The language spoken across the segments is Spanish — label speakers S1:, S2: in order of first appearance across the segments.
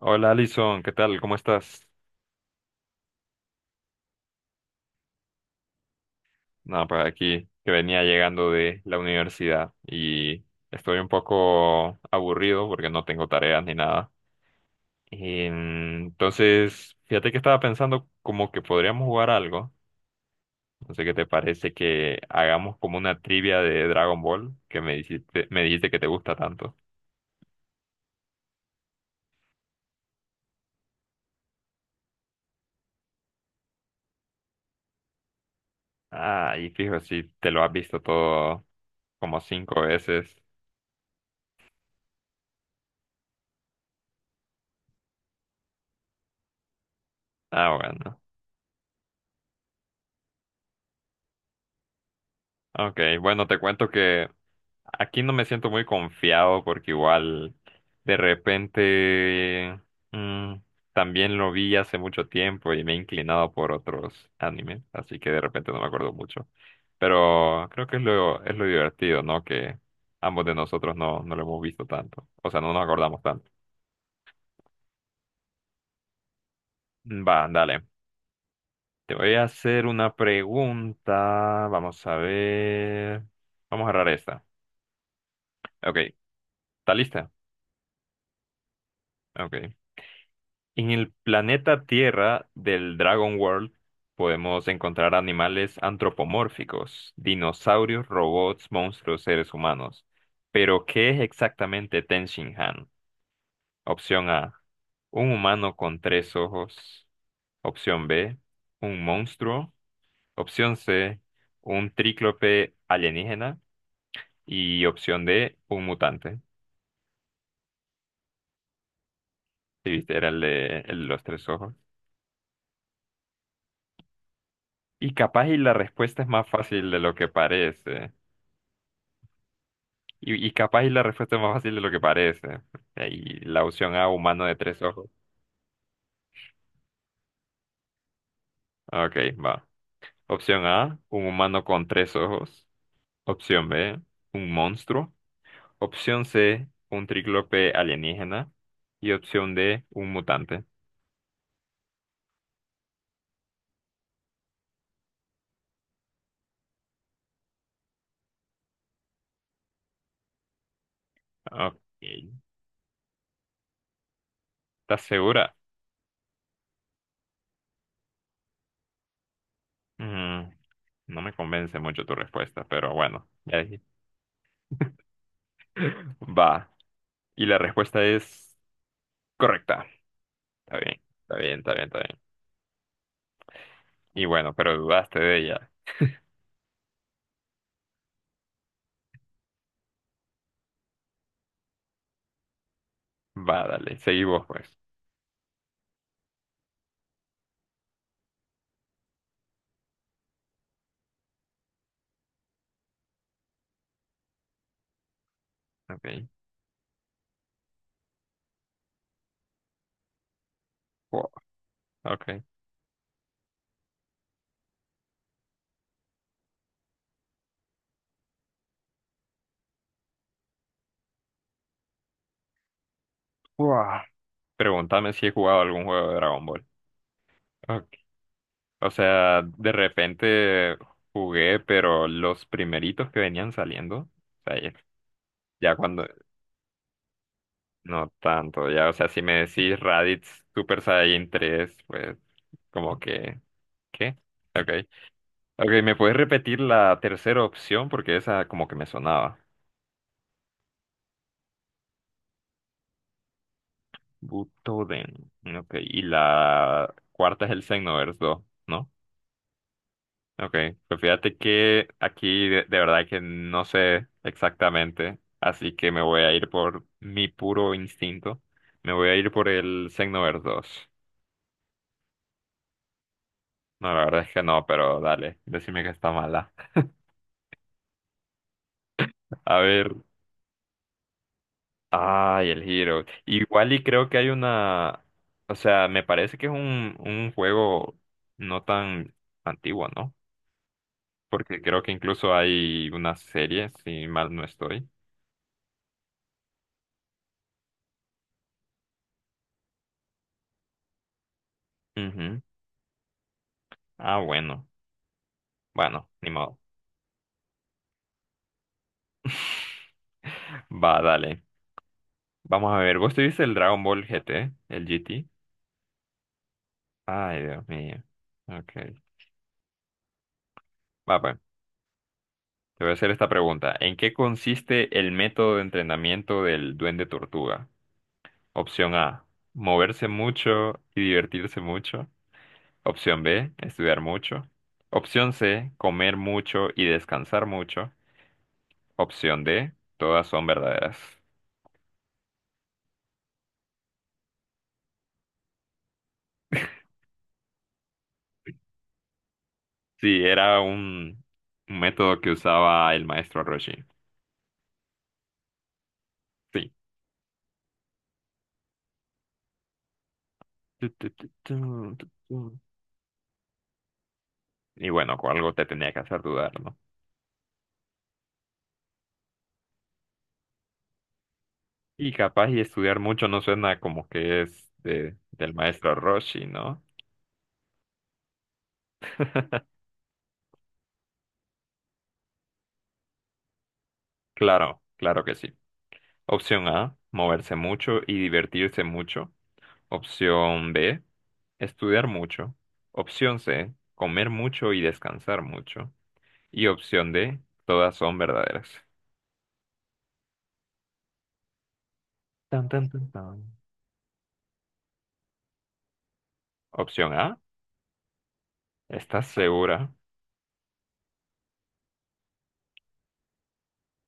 S1: Hola Alison, ¿qué tal? ¿Cómo estás? Nada, pues aquí que venía llegando de la universidad y estoy un poco aburrido porque no tengo tareas ni nada. Entonces, fíjate que estaba pensando como que podríamos jugar algo. No sé qué te parece que hagamos como una trivia de Dragon Ball que me dijiste que te gusta tanto. Ah, y fijo, si te lo has visto todo como cinco veces. Ah, bueno. Ok, bueno, te cuento que aquí no me siento muy confiado porque igual de repente mm, también lo vi hace mucho tiempo y me he inclinado por otros animes, así que de repente no me acuerdo mucho. Pero creo que es lo divertido, ¿no? Que ambos de nosotros no lo hemos visto tanto, o sea, no nos acordamos tanto. Va, dale. Te voy a hacer una pregunta. Vamos a ver. Vamos a agarrar esta. Ok, ¿está lista? Ok. En el planeta Tierra del Dragon World podemos encontrar animales antropomórficos, dinosaurios, robots, monstruos, seres humanos. Pero, ¿qué es exactamente Tenshinhan? Opción A, un humano con tres ojos. Opción B, un monstruo. Opción C, un tríclope alienígena. Y opción D, un mutante. Sí, viste, era el de los tres ojos. Y capaz y la respuesta es más fácil de lo que parece. Y capaz y la respuesta es más fácil de lo que parece. Y la opción A, humano de tres ojos. Ok, va. Opción A, un humano con tres ojos. Opción B, un monstruo. Opción C, un tríclope alienígena. Y opción D, un mutante. Ok. ¿Estás segura? Mm, no me convence mucho tu respuesta, pero bueno. Ya dije. Va. Y la respuesta es correcta. Está bien, está bien, está bien, está bien. Y bueno, pero dudaste de ella. Va, dale, seguimos pues. Ok. Wow, ok. Wow. Pregúntame si he jugado algún juego de Dragon Ball. Ok. O sea, de repente jugué, pero los primeritos que venían saliendo, o sea, ya, ya cuando, no tanto, ya, o sea, si me decís Raditz Super Saiyan 3 pues como que, ¿qué? Ok. Ok, ¿me puedes repetir la tercera opción? Porque esa como que me sonaba. Butoden. Ok, y la cuarta es el Xenoverse 2, ¿no? Ok, pues fíjate que aquí de verdad que no sé exactamente, así que me voy a ir por mi puro instinto. Me voy a ir por el Xenoverse dos. No, la verdad es que no, pero dale, decime que está mala. A ver, ay, el Hero. Igual y creo que hay una, o sea, me parece que es un juego no tan antiguo, ¿no? Porque creo que incluso hay una serie, si mal no estoy. Ujú. Ah, bueno, bueno, ni modo. Va, dale. Vamos a ver. ¿Vos tuviste el Dragon Ball GT? ¿El GT? Ay, Dios mío. Ok. Va, pues. Te voy a hacer esta pregunta. ¿En qué consiste el método de entrenamiento del Duende Tortuga? Opción A. Moverse mucho y divertirse mucho. Opción B. Estudiar mucho. Opción C. Comer mucho y descansar mucho. Opción D. Todas son verdaderas. Sí, era un método que usaba el maestro Roshi. Sí. Tu, tu, tu, tu, tu, tu. Y bueno, con algo te tenía que hacer dudar, ¿no? Y capaz y estudiar mucho no suena como que es del maestro Roshi, ¿no? Claro, claro que sí. Opción A, moverse mucho y divertirse mucho. Opción B, estudiar mucho. Opción C, comer mucho y descansar mucho. Y opción D, todas son verdaderas. Tan, tan, tan, tan. Opción A, ¿estás segura?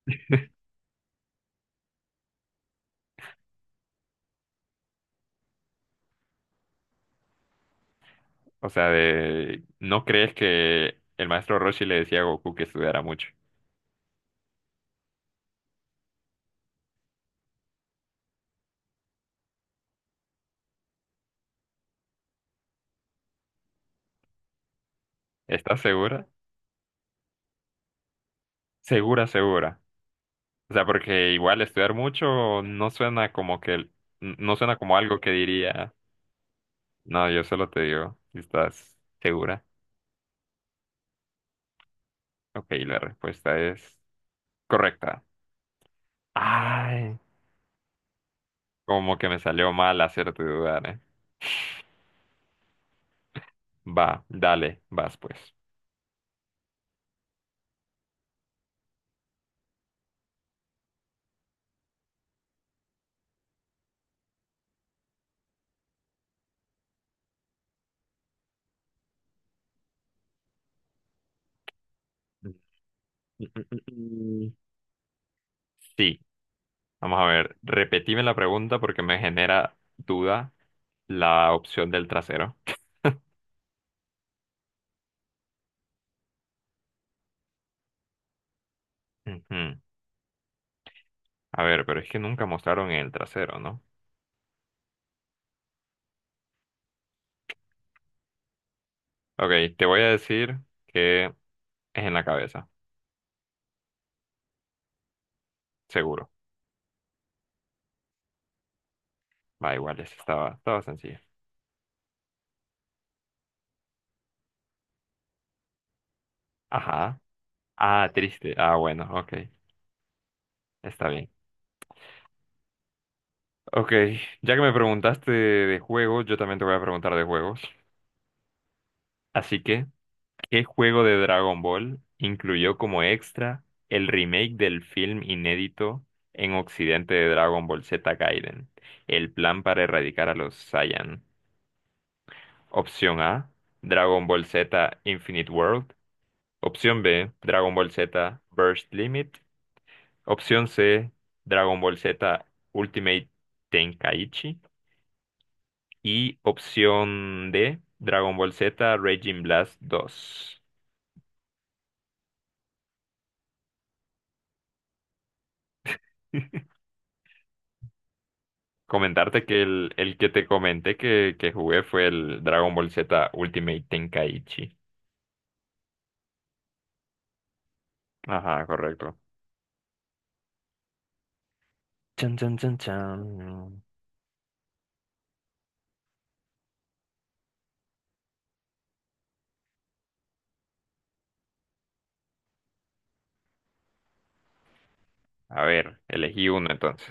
S1: O sea, de, ¿no crees que el maestro Roshi le decía a Goku que estudiara mucho? ¿Estás segura? Segura, segura. O sea, porque igual estudiar mucho no suena como que, no suena como algo que diría, no, yo solo te digo, si ¿estás segura? Ok, la respuesta es correcta. Ay, como que me salió mal hacerte dudar, ¿eh? Va, dale, vas pues. Mm, mm, mm, mm, mm. Sí. Vamos a ver, repetime la pregunta porque me genera duda la opción del trasero. Ujú. A ver, pero es que nunca mostraron el trasero, ¿no? Ok, te voy a decir que es en la cabeza, seguro. Va, igual, esa estaba, estaba sencilla. Ajá. Ah, triste. Ah, bueno, ok. Está bien. Ok, ya que me preguntaste de juegos, yo también te voy a preguntar de juegos. Así que ¿qué juego de Dragon Ball incluyó como extra el remake del film inédito en Occidente de Dragon Ball Z Gaiden? El plan para erradicar a los Saiyan. Opción A, Dragon Ball Z Infinite World. Opción B, Dragon Ball Z Burst Limit. Opción C, Dragon Ball Z Ultimate Tenkaichi. Y opción D, Dragon Ball Z Raging Blast 2. Comentarte que el que te comenté que jugué fue el Dragon Ball Z Ultimate Tenkaichi. Ajá, correcto. Chan, chan, chan, chan. A ver, elegí uno entonces.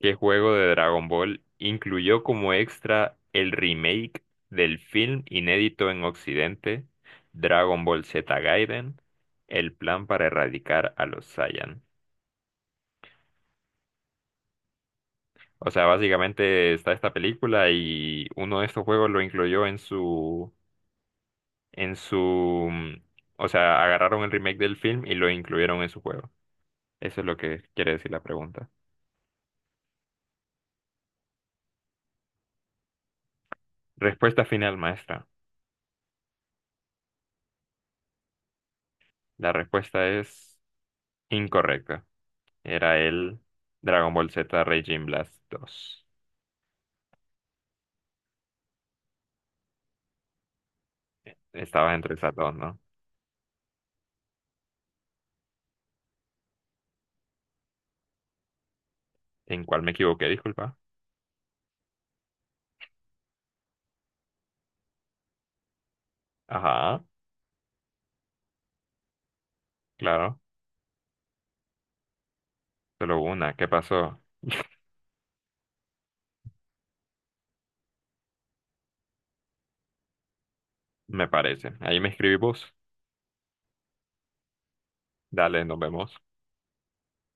S1: ¿Qué juego de Dragon Ball incluyó como extra el remake del film inédito en Occidente, Dragon Ball Z Gaiden, el plan para erradicar a los Saiyan? O sea, básicamente está esta película y uno de estos juegos lo incluyó en su en su, mm, o sea, agarraron el remake del film y lo incluyeron en su juego. Eso es lo que quiere decir la pregunta. Respuesta final, maestra. La respuesta es incorrecta. Era el Dragon Ball Z Raging Blast dos. Estabas entre esas dos, ¿no? ¿En cuál me equivoqué? Disculpa. Ajá, claro. Solo una. ¿Qué pasó? Me parece. Ahí me escribí vos. Dale, nos vemos.